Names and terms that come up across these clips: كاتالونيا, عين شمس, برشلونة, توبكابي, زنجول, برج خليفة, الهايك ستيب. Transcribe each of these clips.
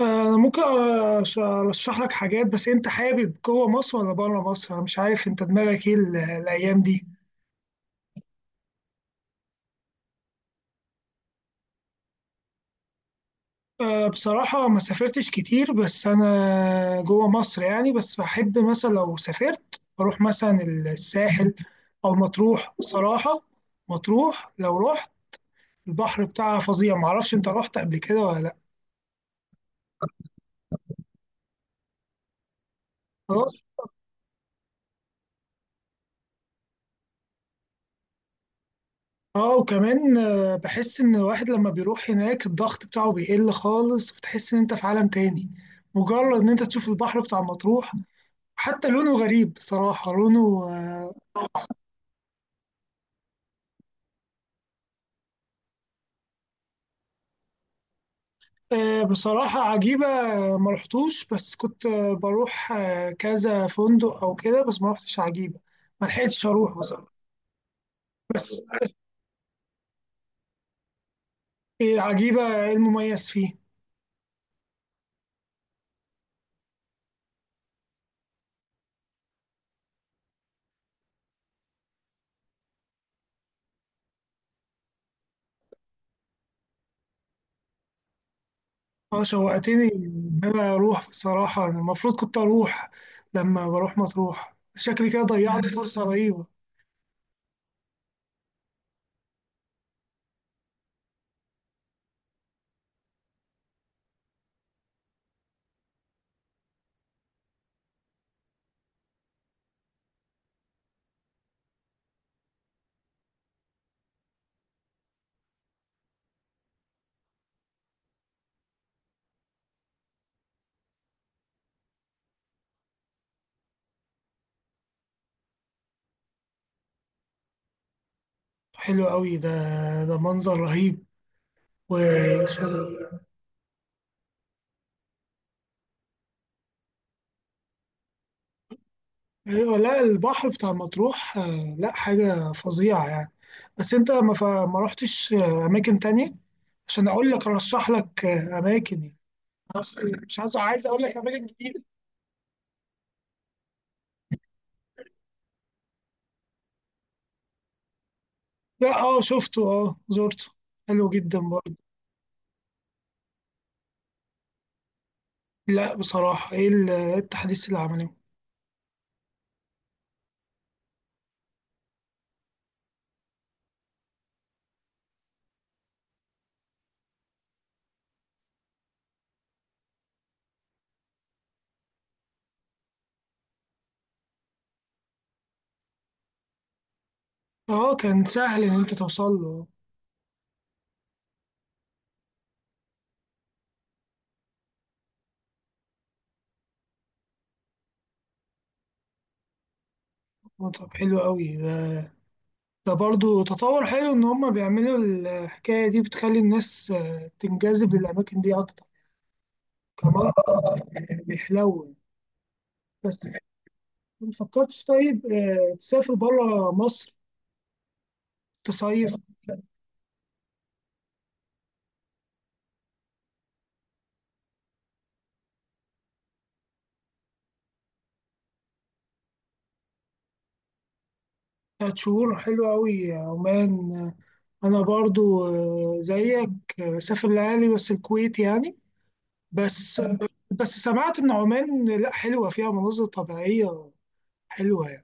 أنا ممكن أرشح لك حاجات. بس أنت حابب جوه مصر ولا بره مصر؟ أنا مش عارف أنت دماغك إيه الأيام دي. بصراحة ما سافرتش كتير بس أنا جوه مصر يعني. بس بحب مثلا لو سافرت أروح مثلا الساحل أو مطروح بصراحة. مطروح لو رحت البحر بتاعها فظيع. معرفش أنت رحت قبل كده ولا لأ. خلاص. اه، وكمان بحس ان الواحد لما بيروح هناك الضغط بتاعه بيقل خالص، وتحس ان انت في عالم تاني. مجرد ان انت تشوف البحر بتاع مطروح حتى لونه غريب بصراحة. لونه. بصراحة عجيبة. ما رحتوش، بس كنت. بروح كذا فندق او كده، بس ما رحتش عجيبة. ما لحقتش اروح بصراحة. بس، عجيبة ايه المميز فيه. اه، شوقتني إن انا اروح بصراحة. أنا المفروض كنت اروح لما بروح مطروح. شكلي كده ضيعت فرصة رهيبة. حلو قوي ده. ده منظر رهيب. وشغل. ايوه، لا البحر بتاع مطروح لا، حاجة فظيعة يعني. بس انت ما رحتش اماكن تانية عشان اقول لك ارشح لك اماكن يعني. بس مش عايز اقول لك اماكن جديدة. لا، اه شفته، اه زرته، حلو جدا برضه. لا بصراحة، إيه التحديث اللي عمله؟ اه، كان سهل ان انت توصل له. طب حلو قوي ده، ده برضو تطور حلو ان هم بيعملوا الحكايه دي، بتخلي الناس تنجذب للاماكن دي اكتر. كمان بيحلو. بس ما فكرتش طيب تسافر بره مصر تصيف؟ تلات شهور، حلو قوي عمان. انا برضو زيك، بسافر لأهلي بس الكويت يعني. بس. بس سمعت ان عمان لا حلوه فيها مناظر طبيعيه حلوه.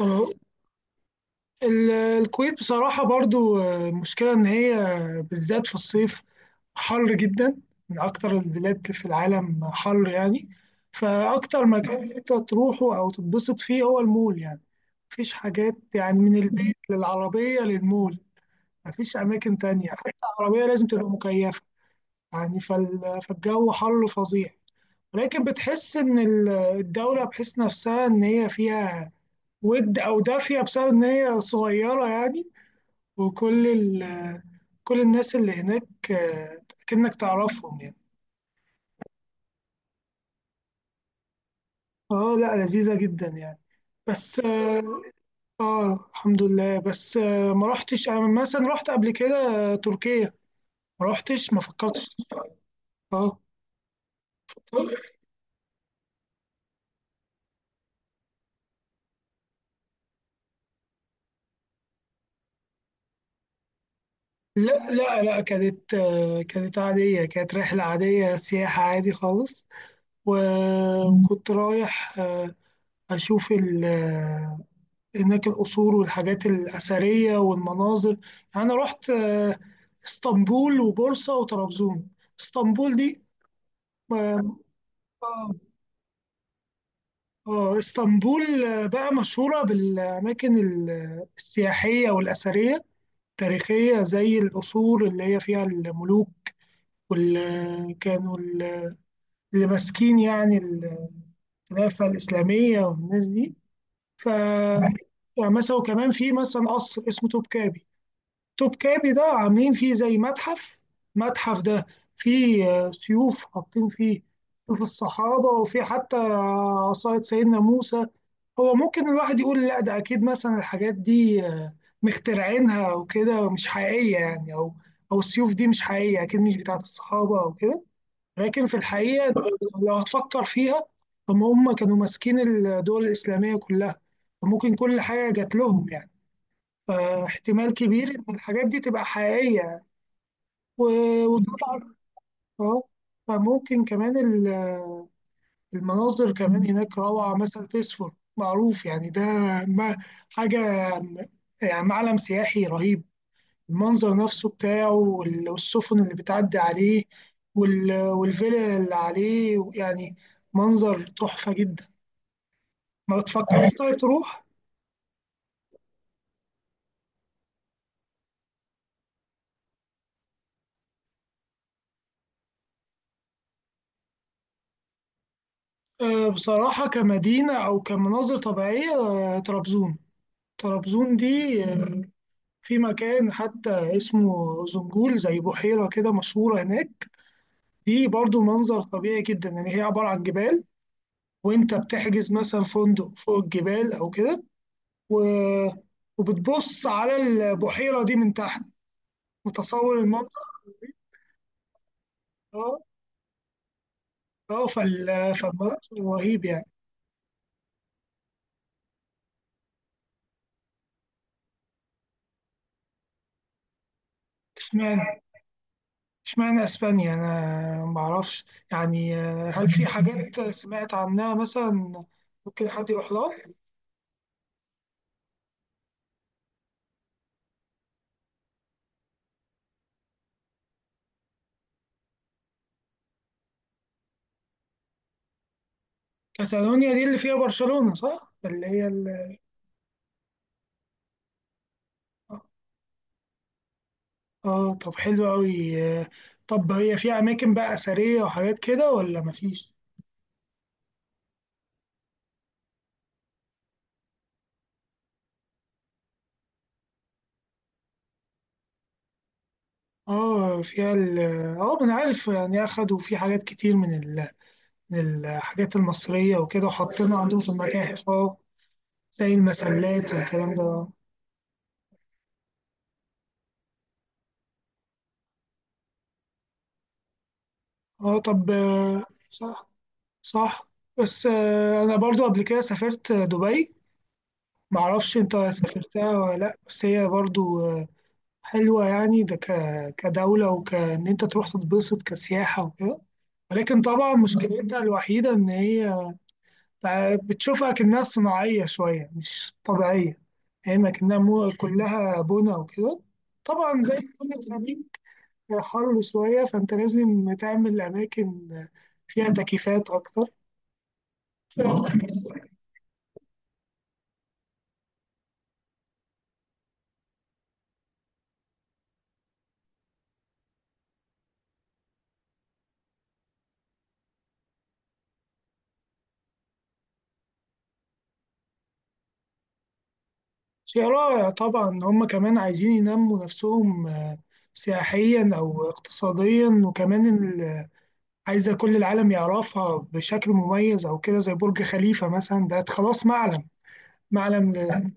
يعني الكويت بصراحة برضو مشكلة إن هي بالذات في الصيف حر جدا. من أكتر البلاد في العالم حر يعني. فأكتر مكان أنت تروحه أو تتبسط فيه هو المول يعني. مفيش حاجات، يعني من البيت للعربية للمول. مفيش أماكن تانية حتى. العربية لازم تبقى مكيفة. يعني فالجو حر فظيع. لكن بتحس إن الدولة، بحس نفسها إن هي فيها ود أو دافية بسبب إن هي صغيرة يعني. وكل ال كل الناس اللي هناك كأنك تعرفهم يعني. اه، لا لذيذة جدا يعني. بس اه، الحمد لله. بس آه ما رحتش انا مثلا. رحت قبل كده تركيا. ما رحتش، ما فكرتش. اه لا لا لا، كانت عادية، كانت رحلة عادية سياحة عادي خالص. وكنت رايح أشوف هناك القصور والحاجات الأثرية والمناظر يعني. أنا رحت اسطنبول وبورصة وطرابزون. اسطنبول دي آه آه، آه، اسطنبول بقى مشهورة بالأماكن السياحية والأثرية التاريخية زي القصور اللي هي فيها الملوك، واللي كانوا اللي ماسكين يعني الخلافة الإسلامية والناس دي. ف يعني مثلا وكمان في مثلا قصر اسمه توبكابي. توبكابي ده عاملين فيه زي متحف. المتحف ده فيه سيوف حاطين فيه سيوف الصحابة، وفيه حتى عصاية سيدنا موسى. هو ممكن الواحد يقول لا ده أكيد، مثلا الحاجات دي مخترعينها وكده مش حقيقية يعني. أو السيوف دي مش حقيقية، أكيد مش بتاعة الصحابة أو كده. لكن في الحقيقة أنت لو هتفكر فيها، طب ما هم كانوا ماسكين الدول الإسلامية كلها، فممكن كل حاجة جات لهم يعني. فاحتمال كبير إن الحاجات دي تبقى حقيقية. ودولار. اه، فممكن كمان المناظر كمان هناك روعة، مثلا تسفر معروف يعني ده ما- حاجة، م- يعني معلم سياحي رهيب، المنظر نفسه بتاعه والسفن اللي بتعدي عليه والفيلا اللي عليه يعني. منظر تحفة جدا. ما بتفكرش طيب تروح؟ بصراحة كمدينة أو كمناظر طبيعية طرابزون. طرابزون دي في مكان حتى اسمه زنجول زي بحيرة كده مشهورة هناك. دي برضو منظر طبيعي جدا. يعني هي عبارة عن جبال، وانت بتحجز مثلا فندق فوق الجبال او كده، و... وبتبص على البحيرة دي من تحت، متصور المنظر. اه اه، فالمنظر رهيب يعني. اشمعنى اشمعنى اسبانيا، انا معرفش. يعني هل في حاجات سمعت عنها مثلا ممكن حد يروح لها؟ كاتالونيا دي اللي فيها برشلونة صح؟ اللي هي اه طب حلو قوي. طب هي فيها اماكن بقى اثريه وحاجات كده ولا مفيش؟ اه فيها اه انا عارف، يعني اخدوا في حاجات كتير من من الحاجات المصريه وكده، وحطينا عندهم في المتاحف اه. زي المسلات والكلام ده. اه طب صح، صح. بس انا برضو قبل كده سافرت دبي. معرفش انت سافرتها ولا لا، بس هي برضو حلوة يعني. ده كدولة، وكأن أنت تروح تتبسط كسياحة وكده. ولكن طبعا مشكلتها الوحيدة إن هي بتشوفها كأنها صناعية شوية مش طبيعية. يعني هي ما كأنها كلها بنا وكده. طبعا زي كل جديد، حر شوية فأنت لازم تعمل أماكن فيها تكييفات أكتر. شيء رائع. طبعا هم كمان عايزين ينموا نفسهم سياحيا أو اقتصاديا، وكمان عايزة كل العالم يعرفها بشكل مميز أو كده، زي برج خليفة مثلا ده خلاص معلم، معلم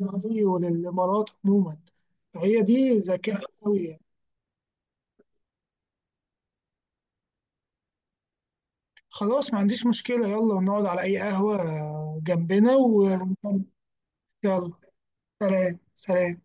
للماضي وللإمارات عموما. فهي دي ذكاء أوي يعني. خلاص، ما عنديش مشكلة، يلا ونقعد على أي قهوة جنبنا و... يلا، سلام سلام.